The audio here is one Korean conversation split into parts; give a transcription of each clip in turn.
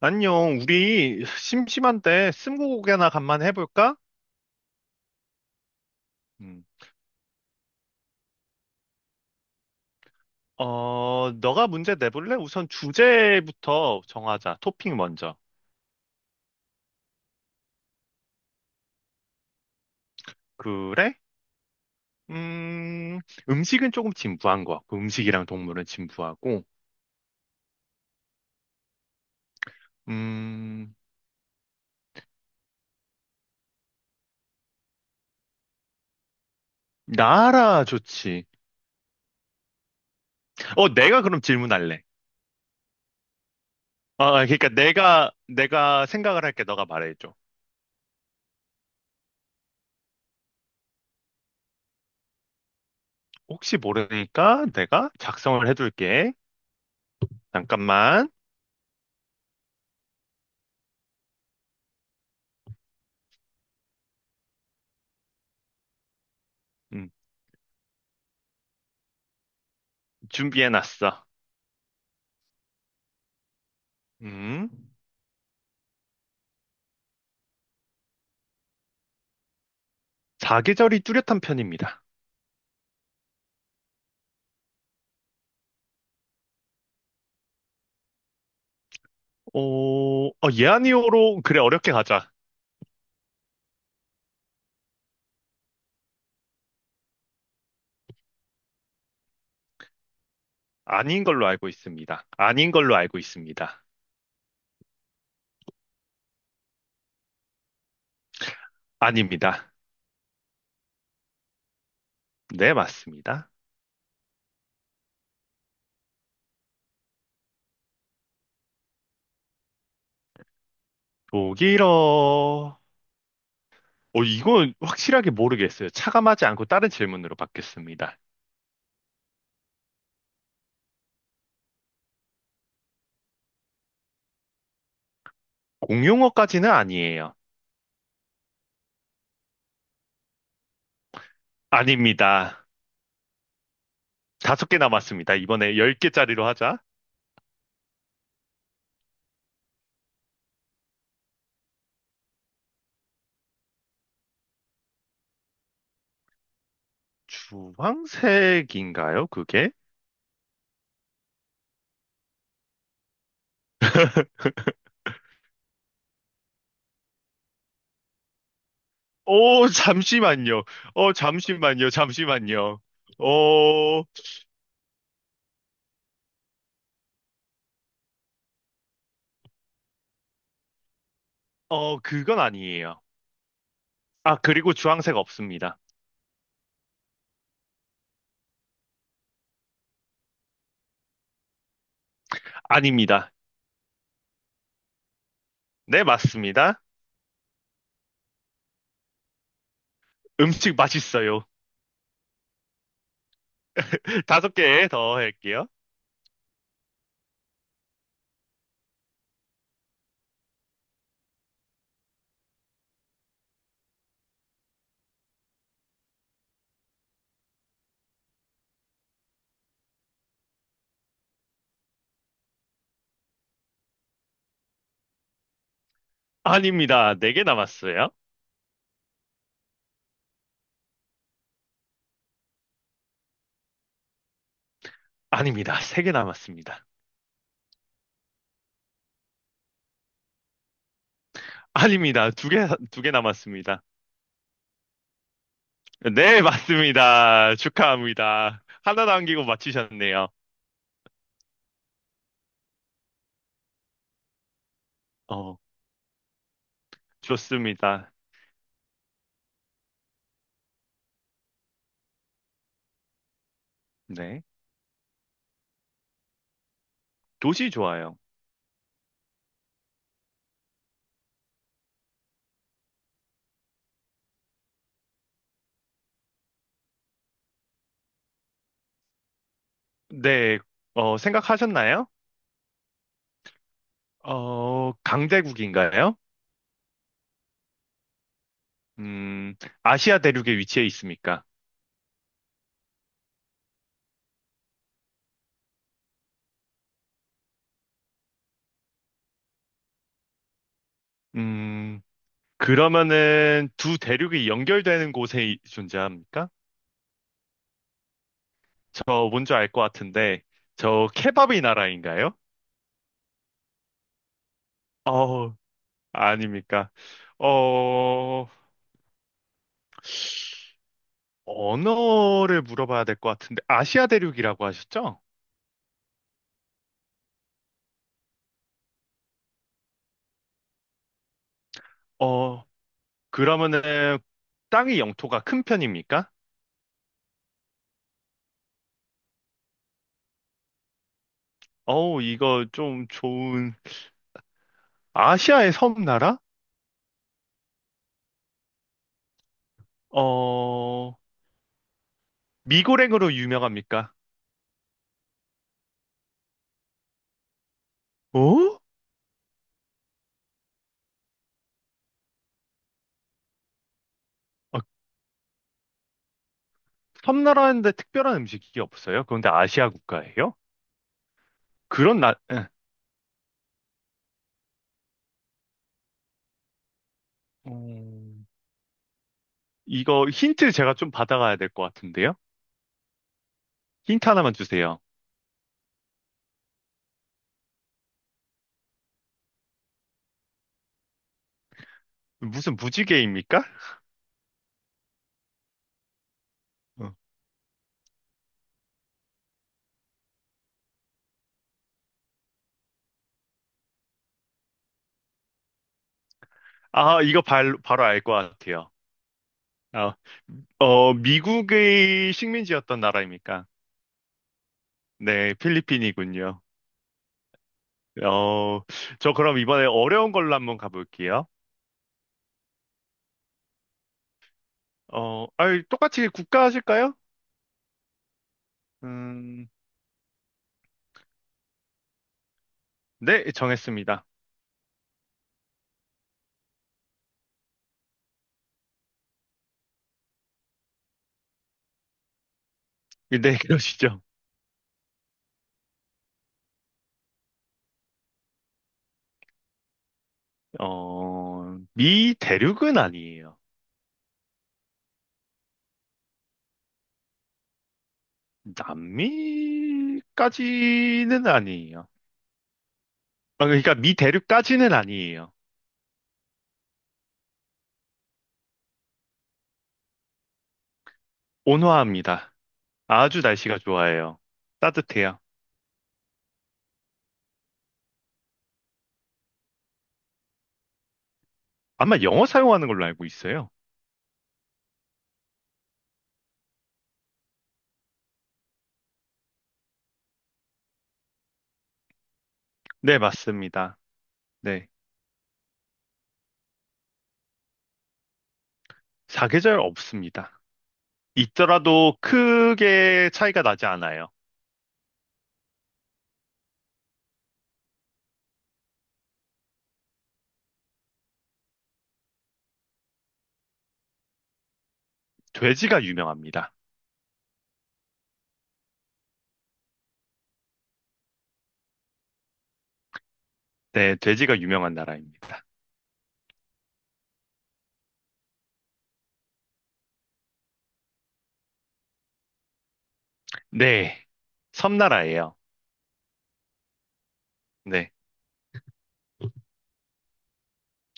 안녕, 우리 심심한데 스무고개나 간만에 해볼까? 음, 너가 문제 내볼래? 우선 주제부터 정하자. 토핑 먼저. 그래? 음, 음식은 조금 진부한 것 같고, 음식이랑 동물은 진부하고, 음, 나라 좋지. 내가 그럼 질문할래. 아, 그러니까 내가 생각을 할게. 너가 말해줘. 혹시 모르니까 내가 작성을 해둘게. 잠깐만. 음, 준비해놨어. 음. 사계절이 뚜렷한 편입니다. 어, 예 아니오로 그래 어렵게 가자. 아닌 걸로 알고 있습니다. 아닌 걸로 알고 있습니다. 아닙니다. 네, 맞습니다. 독일어. 이건 확실하게 모르겠어요. 차감하지 않고 다른 질문으로 받겠습니다. 공용어까지는 아니에요. 아닙니다. 5개 남았습니다. 이번에 열 개짜리로 하자. 주황색인가요, 그게? 오, 잠시만요. 잠시만요. 잠시만요. 어, 그건 아니에요. 아, 그리고 주황색 없습니다. 아닙니다. 네, 맞습니다. 음식 맛있어요. 5개 더 할게요. 아닙니다. 4개 남았어요. 아닙니다. 3개 남았습니다. 아닙니다. 두 개 남았습니다. 네, 맞습니다. 축하합니다. 하나 남기고 맞히셨네요. 어, 좋습니다. 네. 도시 좋아요. 네, 생각하셨나요? 강대국인가요? 음, 아시아 대륙에 위치해 있습니까? 음, 그러면은 두 대륙이 연결되는 곳에 존재합니까? 저 뭔지 알 것 같은데, 저 케밥이 나라인가요? 어, 아닙니까? 어, 언어를 물어봐야 될 것 같은데, 아시아 대륙이라고 하셨죠? 어, 그러면은 땅의 영토가 큰 편입니까? 어우, 이거 좀 좋은, 아시아의 섬나라? 어, 미고랭으로 유명합니까? 어? 섬나라인데 특별한 음식이 없어요? 그런데 아시아 국가예요? 그런 나, 에, 음, 이거 힌트 제가 좀 받아가야 될 것 같은데요? 힌트 하나만 주세요. 무슨 무지개입니까? 어. 아, 이거 바로 알 것 같아요. 아, 미국의 식민지였던 나라입니까? 네, 필리핀이군요. 어, 저 그럼 이번에 어려운 걸로 한번 가볼게요. 똑같이 국가 하실까요? 음, 네, 정했습니다. 네, 그러시죠. 미 대륙은 아니에요. 남미까지는 아니에요. 아, 그러니까 미 대륙까지는 아니에요. 온화합니다. 아주 날씨가 좋아요. 따뜻해요. 아마 영어 사용하는 걸로 알고 있어요. 네, 맞습니다. 네. 사계절 없습니다. 있더라도 크게 차이가 나지 않아요. 돼지가 유명합니다. 네, 돼지가 유명한 나라입니다. 네. 섬나라예요. 네.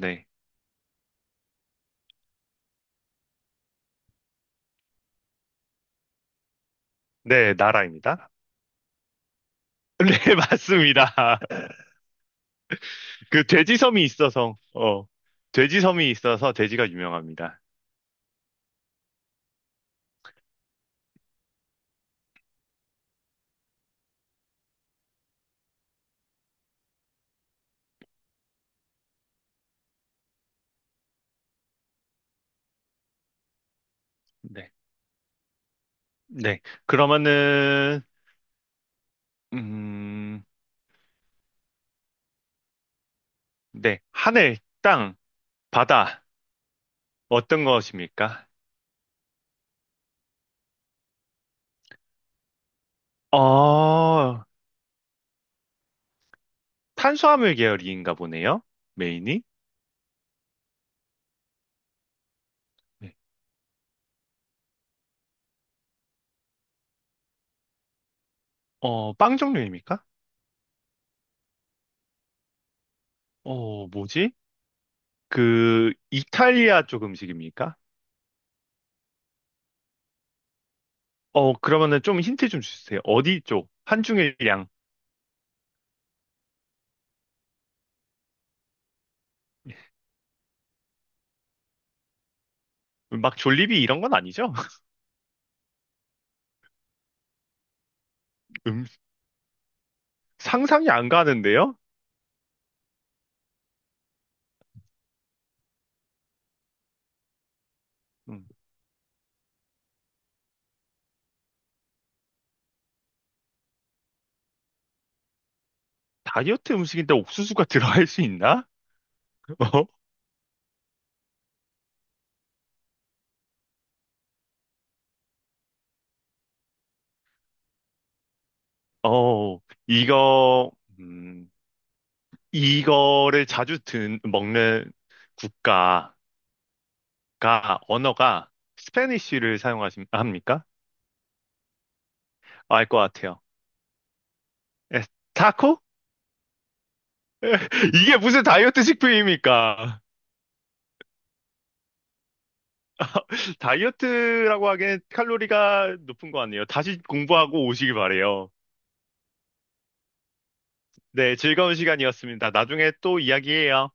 네. 네, 나라입니다. 네, 맞습니다. 그 돼지섬이 있어서, 어, 돼지섬이 있어서 돼지가 유명합니다. 네, 네. 그러면은, 음, 네. 하늘, 땅, 바다, 어떤 것입니까? 어, 탄수화물 계열인가 보네요. 메인이. 네. 빵 종류입니까? 뭐지? 그, 이탈리아 쪽 음식입니까? 그러면은 좀 힌트 좀 주세요. 어디 쪽? 한중일 양. 막 졸리비 이런 건 아니죠? 상상이 안 가는데요? 음, 다이어트 음식인데 옥수수가 들어갈 수 있나? 어, 어, 이거, 음, 이거를 자주 먹는 국가가, 언어가 스페니쉬를 사용하십니까? 알 것 같아요. 에, 타코? 이게 무슨 다이어트 식품입니까? 다이어트라고 하기엔 칼로리가 높은 거 아니에요. 다시 공부하고 오시길 바래요. 네, 즐거운 시간이었습니다. 나중에 또 이야기해요.